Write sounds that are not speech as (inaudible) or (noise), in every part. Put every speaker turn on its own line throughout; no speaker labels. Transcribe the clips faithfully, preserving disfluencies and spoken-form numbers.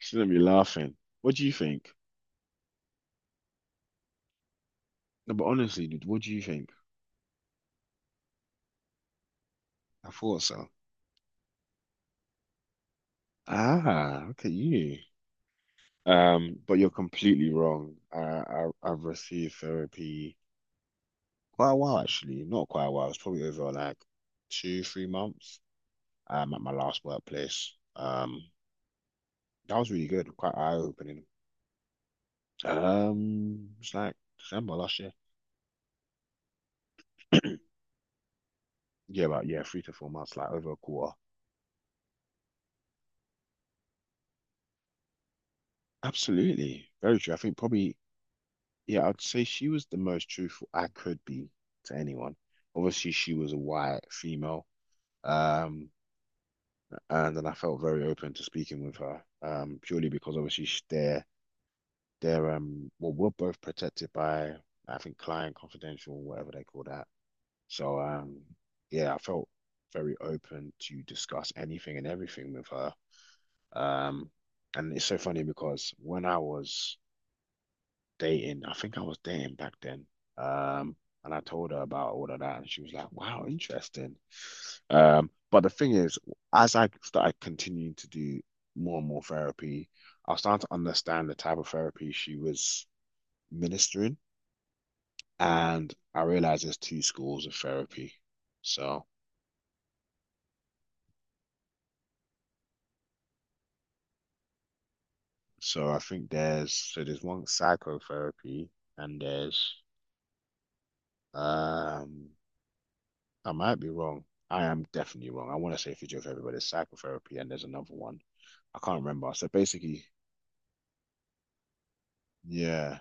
She's gonna be laughing. What do you think? No, but honestly, dude, what do you think? I thought so. Ah, look at you. Um, but you're completely wrong. I, I I've received therapy quite a while actually. Not quite a while. It's probably over like two, three months. Um, at my last workplace. Um, that was really good. Quite eye-opening. Um, it's like December last year. (clears throat) Yeah, about yeah, three to four months, like over a quarter. Absolutely. Very true. I think probably, yeah, I'd say she was the most truthful I could be to anyone. Obviously, she was a white female. Um, and then I felt very open to speaking with her. Um, purely because obviously sh- they're they're um well, we're both protected by I think client confidential, whatever they call that. So um yeah, I felt very open to discuss anything and everything with her. Um, and it's so funny because when I was dating, I think I was dating back then. Um, and I told her about all of that, and she was like, "Wow, interesting." Um, but the thing is, as I started continuing to do more and more therapy, I was starting to understand the type of therapy she was ministering, and I realized there's two schools of therapy. So, so I think there's so there's one psychotherapy, and there's um I might be wrong. I am definitely wrong. I want to say physiotherapy, but everybody, psychotherapy, and there's another one. I can't remember. So basically, yeah,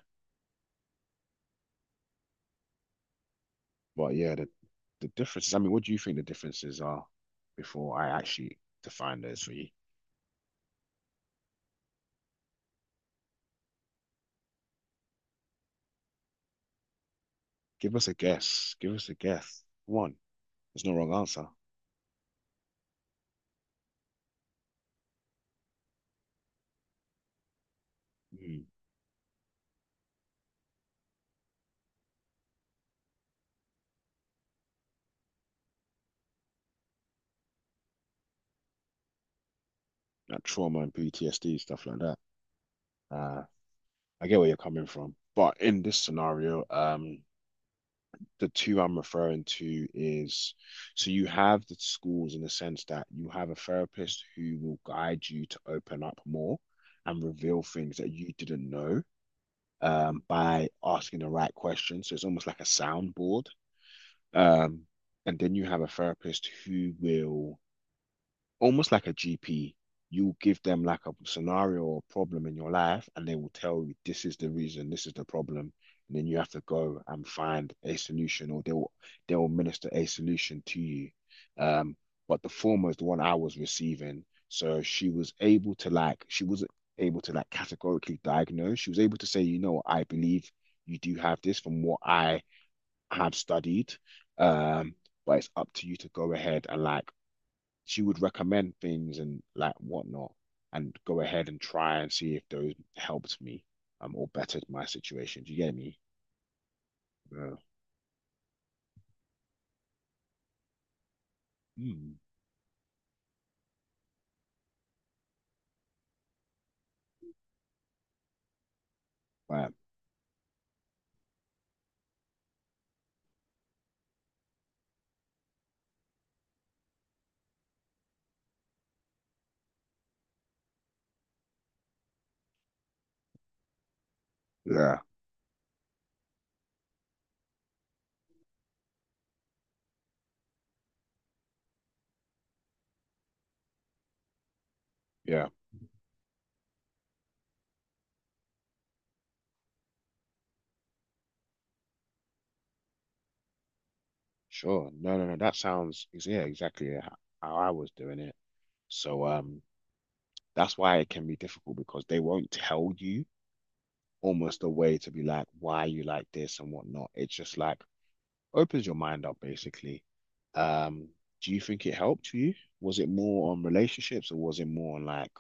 but yeah, the the differences. I mean, what do you think the differences are before I actually define those for you? Give us a guess. Give us a guess. One. There's no wrong answer. Mm, That trauma and P T S D stuff like that. Uh, I get where you're coming from, but in this scenario, um, the two I'm referring to is so you have the schools in the sense that you have a therapist who will guide you to open up more and reveal things that you didn't know um, by asking the right questions. So it's almost like a soundboard. Um, and then you have a therapist who will almost like a G P, you give them like a scenario or problem in your life, and they will tell you this is the reason, this is the problem, and then you have to go and find a solution, or they'll they'll minister a solution to you. Um, but the former is the one I was receiving, so she was able to like she wasn't able to like categorically diagnose. She was able to say, you know, I believe you do have this from what I have studied. Um, but it's up to you to go ahead and like she would recommend things and like whatnot and go ahead and try and see if those helped me um or bettered my situation. Do you get me? Yeah. Hmm. But yeah, yeah, sure. No, no, no. That sounds is yeah, exactly how how I was doing it. So um that's why it can be difficult because they won't tell you almost a way to be like why you like this and whatnot. It's just like opens your mind up basically. Um, do you think it helped you? Was it more on relationships or was it more on like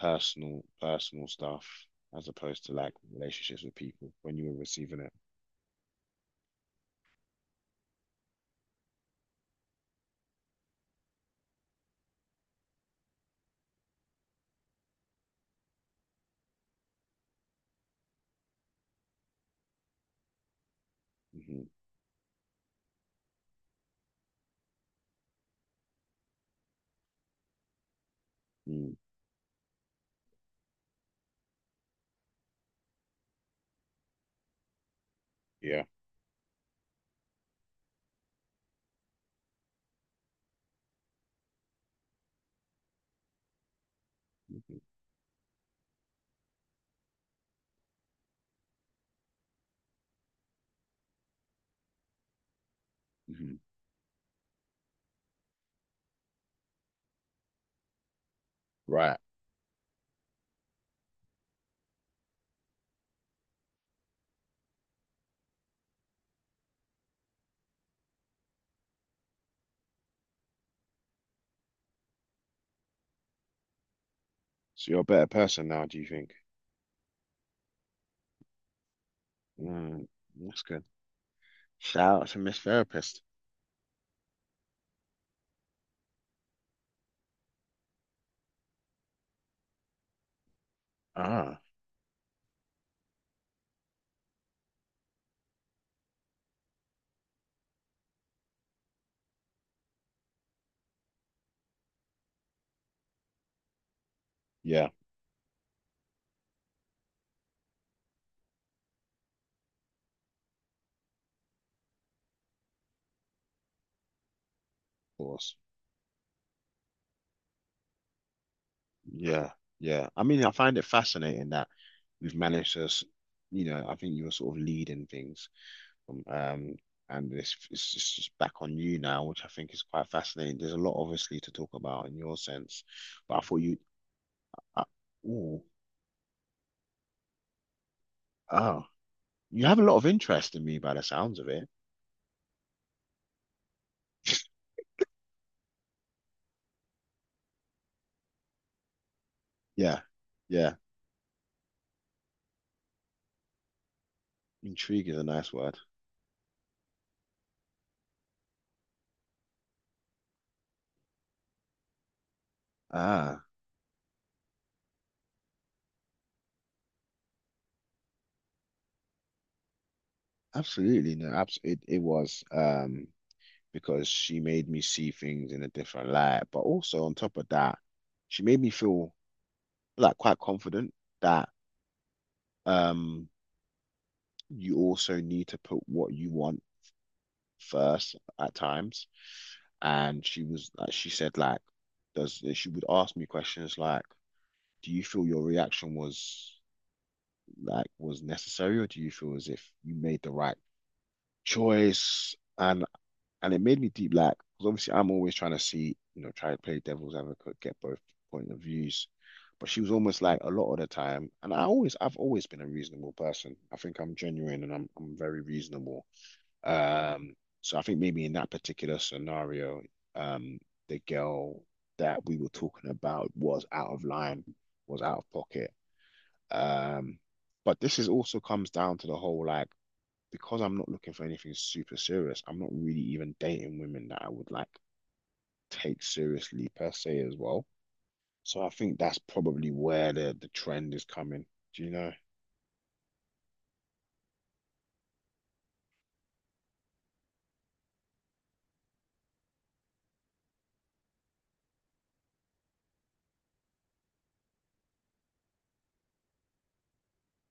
personal personal stuff as opposed to like relationships with people when you were receiving it? Hmm. Mm, yeah. Hmm. Hmm. Right. So you're a better person now, do you think? Mm, that's good. Shout out to Miss Therapist. Ah, yeah, of course. Yeah, yeah. I mean, I find it fascinating that we've managed to, s- you know, I think you were sort of leading things. Um, um, and it's, it's just it's back on you now, which I think is quite fascinating. There's a lot, obviously, to talk about in your sense, but I thought you, uh, oh, ah, you have a lot of interest in me by the sounds of it. Yeah, yeah, intrigue is a nice word. Ah, absolutely, no, abs it, it was, um, because she made me see things in a different light, but also on top of that, she made me feel like quite confident that um, you also need to put what you want first at times, and she was like, she said like, does she would ask me questions like, do you feel your reaction was like was necessary, or do you feel as if you made the right choice? And and it made me deep like, because obviously I'm always trying to see, you know, try to play devil's advocate, get both point of views. But she was almost like a lot of the time, and I always I've always been a reasonable person. I think I'm genuine and I'm I'm very reasonable. Um, so I think maybe in that particular scenario, um, the girl that we were talking about was out of line, was out of pocket. Um, but this is also comes down to the whole like because I'm not looking for anything super serious, I'm not really even dating women that I would like take seriously per se as well. So I think that's probably where the the trend is coming. Do you know?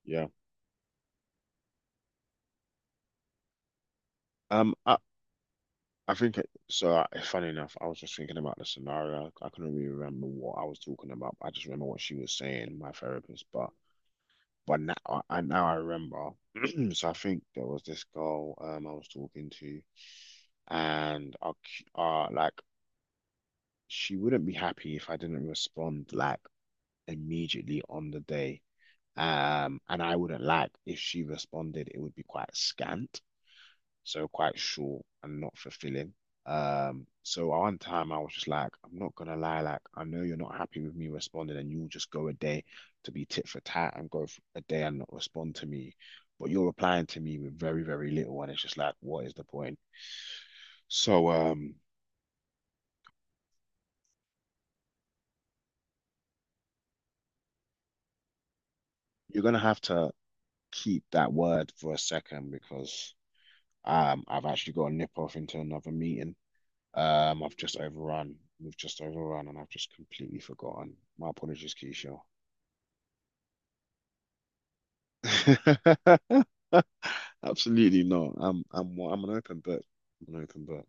Yeah. Um, I, I think it, so. I, funny enough, I was just thinking about the scenario. I couldn't really remember what I was talking about. But I just remember what she was saying, my therapist. But but now I I- now I remember. (clears throat) So I think there was this girl um I was talking to, and I c- uh like she wouldn't be happy if I didn't respond like immediately on the day. Um, and I wouldn't like if she responded, it would be quite scant, so quite short and not fulfilling. Um, so one time I was just like, I'm not gonna lie, like I know you're not happy with me responding, and you'll just go a day to be tit for tat and go for a day and not respond to me, but you're replying to me with very, very little, and it's just like, what is the point? So um, you're gonna have to keep that word for a second because um, I've actually got to nip off into another meeting. Um, I've just overrun. We've just overrun, and I've just completely forgotten. My apologies, Keisha. (laughs) Absolutely not. I'm I'm I'm an open book. I'm an open book.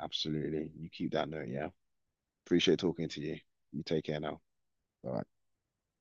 Absolutely. You keep that note, yeah. Appreciate talking to you. You take care now. Bye.